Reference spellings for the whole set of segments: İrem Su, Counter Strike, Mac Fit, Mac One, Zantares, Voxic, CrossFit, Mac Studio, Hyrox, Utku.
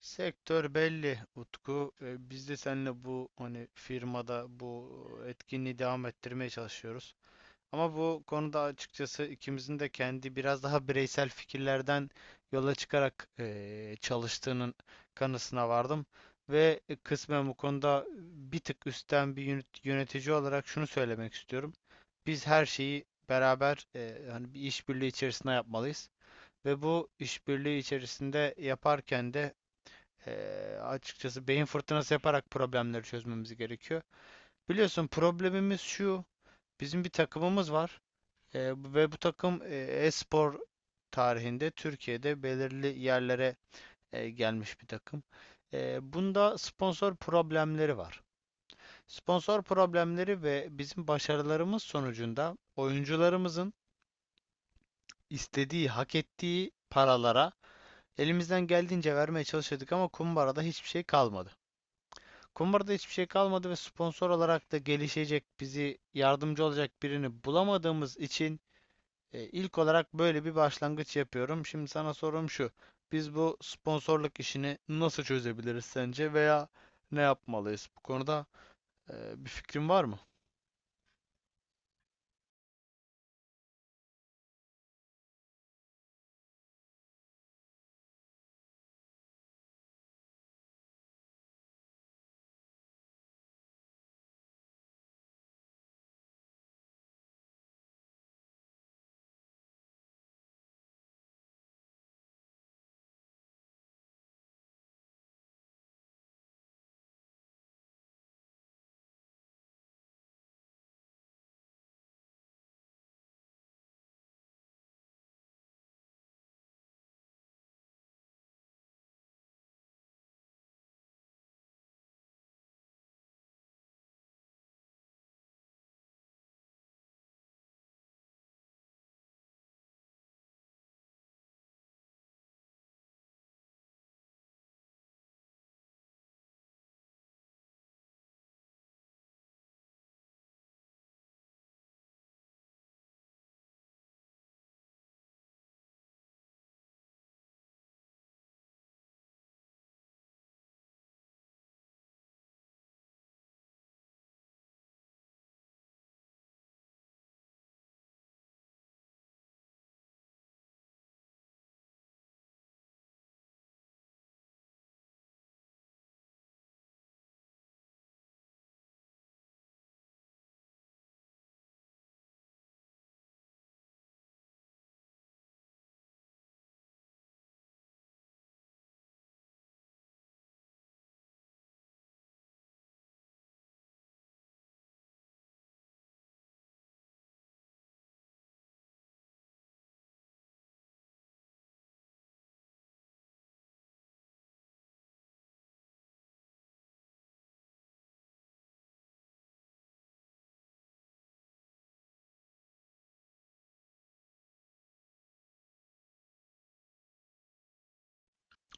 Sektör belli Utku. Biz de seninle bu firmada bu etkinliği devam ettirmeye çalışıyoruz. Ama bu konuda açıkçası ikimizin de kendi biraz daha bireysel fikirlerden yola çıkarak çalıştığının kanısına vardım. Ve kısmen bu konuda bir tık üstten bir yönetici olarak şunu söylemek istiyorum. Biz her şeyi beraber hani bir işbirliği içerisinde yapmalıyız. Ve bu işbirliği içerisinde yaparken de açıkçası beyin fırtınası yaparak problemleri çözmemiz gerekiyor. Biliyorsun problemimiz şu. Bizim bir takımımız var. Ve bu takım e-spor tarihinde Türkiye'de belirli yerlere gelmiş bir takım. Bunda sponsor problemleri var. Sponsor problemleri ve bizim başarılarımız sonucunda oyuncularımızın istediği, hak ettiği paralara elimizden geldiğince vermeye çalışıyorduk ama kumbarada hiçbir şey kalmadı. Kumbarada hiçbir şey kalmadı ve sponsor olarak da gelişecek, bizi yardımcı olacak birini bulamadığımız için ilk olarak böyle bir başlangıç yapıyorum. Şimdi sana sorum şu. Biz bu sponsorluk işini nasıl çözebiliriz sence veya ne yapmalıyız? Bu konuda bir fikrin var mı?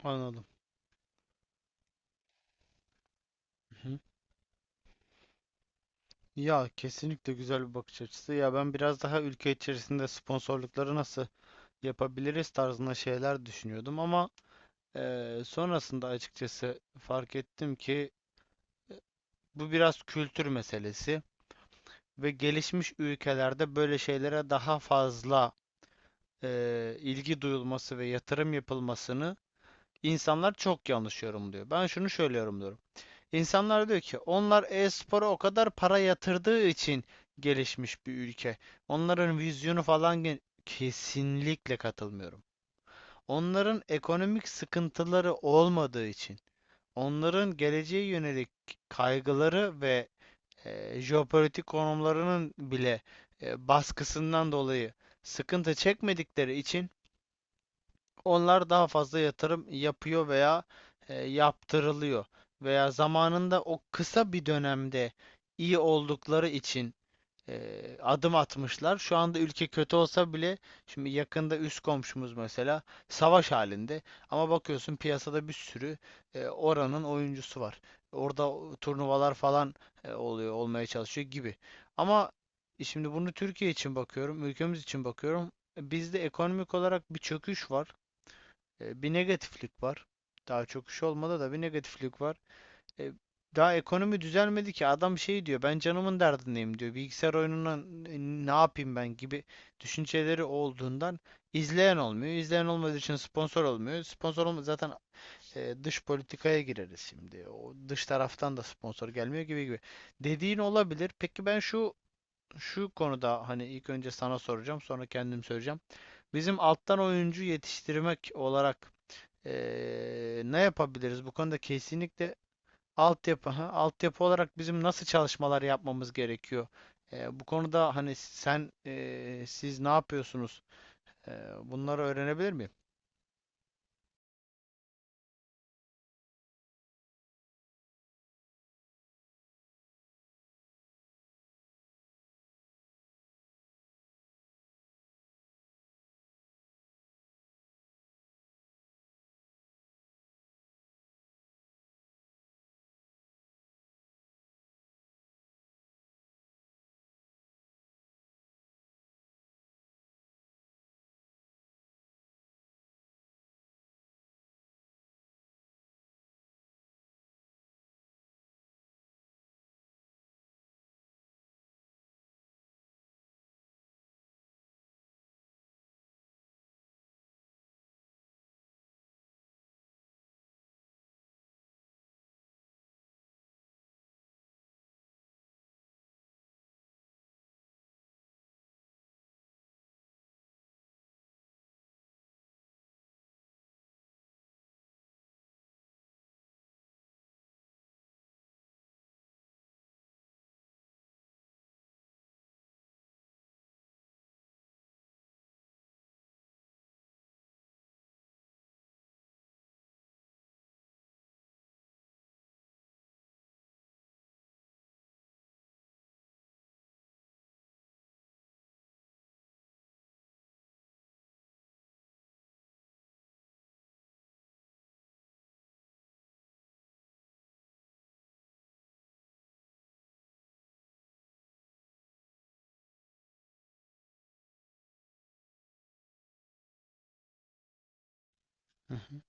Anladım. Hı hı. Ya kesinlikle güzel bir bakış açısı. Ya ben biraz daha ülke içerisinde sponsorlukları nasıl yapabiliriz tarzında şeyler düşünüyordum ama sonrasında açıkçası fark ettim ki bu biraz kültür meselesi ve gelişmiş ülkelerde böyle şeylere daha fazla ilgi duyulması ve yatırım yapılmasını insanlar çok yanlış yorumluyor. Ben şunu şöyle yorumluyorum. İnsanlar diyor ki onlar e-spora o kadar para yatırdığı için gelişmiş bir ülke. Onların vizyonu falan kesinlikle katılmıyorum. Onların ekonomik sıkıntıları olmadığı için, onların geleceğe yönelik kaygıları ve jeopolitik konumlarının bile baskısından dolayı sıkıntı çekmedikleri için onlar daha fazla yatırım yapıyor veya yaptırılıyor veya zamanında o kısa bir dönemde iyi oldukları için adım atmışlar. Şu anda ülke kötü olsa bile şimdi yakında üst komşumuz mesela savaş halinde ama bakıyorsun piyasada bir sürü oranın oyuncusu var. Orada turnuvalar falan oluyor, olmaya çalışıyor gibi. Ama şimdi bunu Türkiye için bakıyorum, ülkemiz için bakıyorum. Bizde ekonomik olarak bir çöküş var, bir negatiflik var. Daha çöküş olmadı da bir negatiflik var. E, Daha ekonomi düzelmedi ki. Adam şey diyor, ben canımın derdindeyim diyor. Bilgisayar oyununa ne yapayım ben gibi düşünceleri olduğundan izleyen olmuyor. İzleyen olmadığı için sponsor olmuyor. Sponsor olma zaten dış politikaya gireriz şimdi. O dış taraftan da sponsor gelmiyor gibi gibi. Dediğin olabilir. Peki ben şu konuda hani ilk önce sana soracağım, sonra kendim söyleyeceğim. Bizim alttan oyuncu yetiştirmek olarak ne yapabiliriz? Bu konuda kesinlikle altyapı, ha, altyapı olarak bizim nasıl çalışmalar yapmamız gerekiyor? Bu konuda hani siz ne yapıyorsunuz? Bunları öğrenebilir miyim? Hı hı.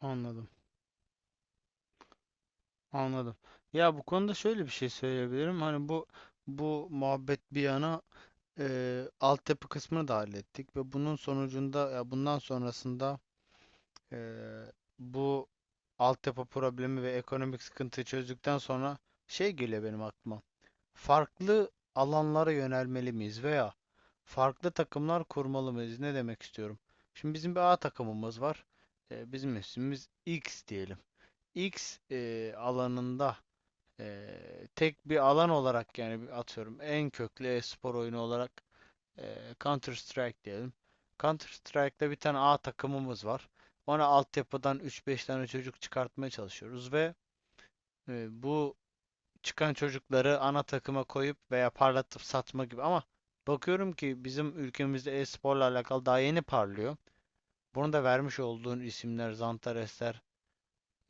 Anladım, anladım. Ya bu konuda şöyle bir şey söyleyebilirim. Hani bu muhabbet bir yana, altyapı kısmını da hallettik ve bunun sonucunda ya bundan sonrasında e, bu altyapı problemi ve ekonomik sıkıntıyı çözdükten sonra şey geliyor benim aklıma. Farklı alanlara yönelmeli miyiz veya farklı takımlar kurmalı mıyız? Ne demek istiyorum? Şimdi bizim bir A takımımız var. Bizim ismimiz X diyelim. Alanında e, tek bir alan olarak yani atıyorum en köklü e-spor oyunu olarak Counter Strike diyelim. Counter Strike'da bir tane A takımımız var. Ona altyapıdan 3-5 tane çocuk çıkartmaya çalışıyoruz ve bu çıkan çocukları ana takıma koyup veya parlatıp satma gibi ama bakıyorum ki bizim ülkemizde e-sporla alakalı daha yeni parlıyor. Bunu da vermiş olduğun isimler, Zantaresler,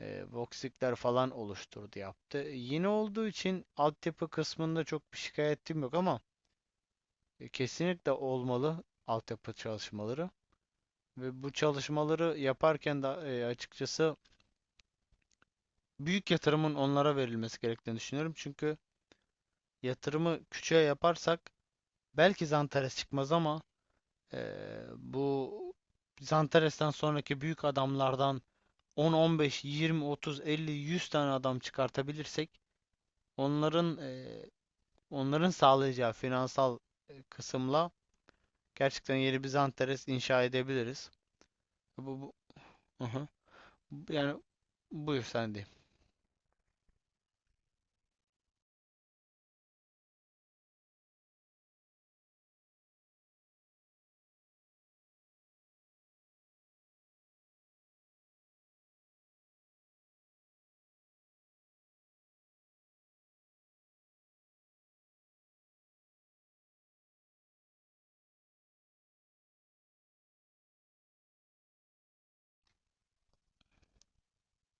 Voxic'ler falan oluşturdu yaptı. Yeni olduğu için altyapı kısmında çok bir şikayetim yok ama kesinlikle olmalı altyapı çalışmaları. Ve bu çalışmaları yaparken de açıkçası büyük yatırımın onlara verilmesi gerektiğini düşünüyorum. Çünkü yatırımı küçüğe yaparsak belki Zantares çıkmaz ama bu Zantares'ten sonraki büyük adamlardan 10, 15, 20, 30, 50, 100 tane adam çıkartabilirsek onların onların sağlayacağı finansal kısımla gerçekten yeni bir Zantares inşa edebiliriz. Bu. Aha. Yani buyur sen diyeyim.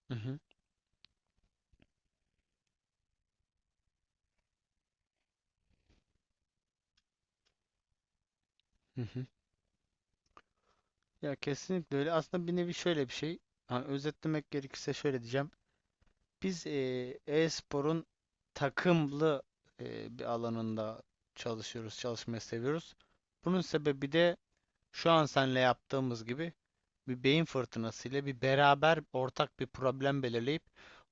Hı hı. Hı hı. Ya kesinlikle öyle. Aslında bir nevi şöyle bir şey. Hani özetlemek gerekirse şöyle diyeceğim. Biz e-sporun takımlı bir alanında çalışıyoruz, çalışmayı seviyoruz. Bunun sebebi de şu an seninle yaptığımız gibi bir beyin fırtınası ile bir beraber ortak bir problem belirleyip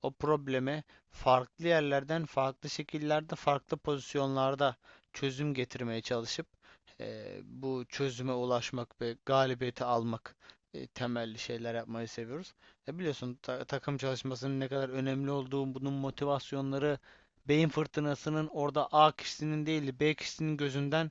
o probleme farklı yerlerden, farklı şekillerde, farklı pozisyonlarda çözüm getirmeye çalışıp bu çözüme ulaşmak ve galibiyeti almak temelli şeyler yapmayı seviyoruz. E biliyorsun takım çalışmasının ne kadar önemli olduğu, bunun motivasyonları beyin fırtınasının orada A kişisinin değil de B kişisinin gözünden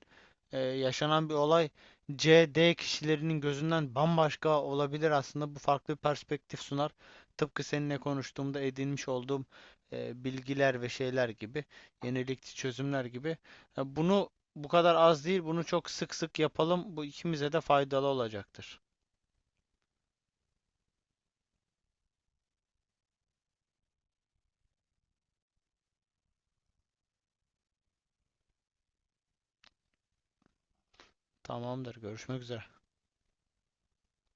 yaşanan bir olay C, D kişilerinin gözünden bambaşka olabilir aslında. Bu farklı bir perspektif sunar. Tıpkı seninle konuştuğumda edinmiş olduğum bilgiler ve şeyler gibi, yenilikçi çözümler gibi. Bunu bu kadar az değil, bunu çok sık sık yapalım. Bu ikimize de faydalı olacaktır. Tamamdır. Görüşmek üzere.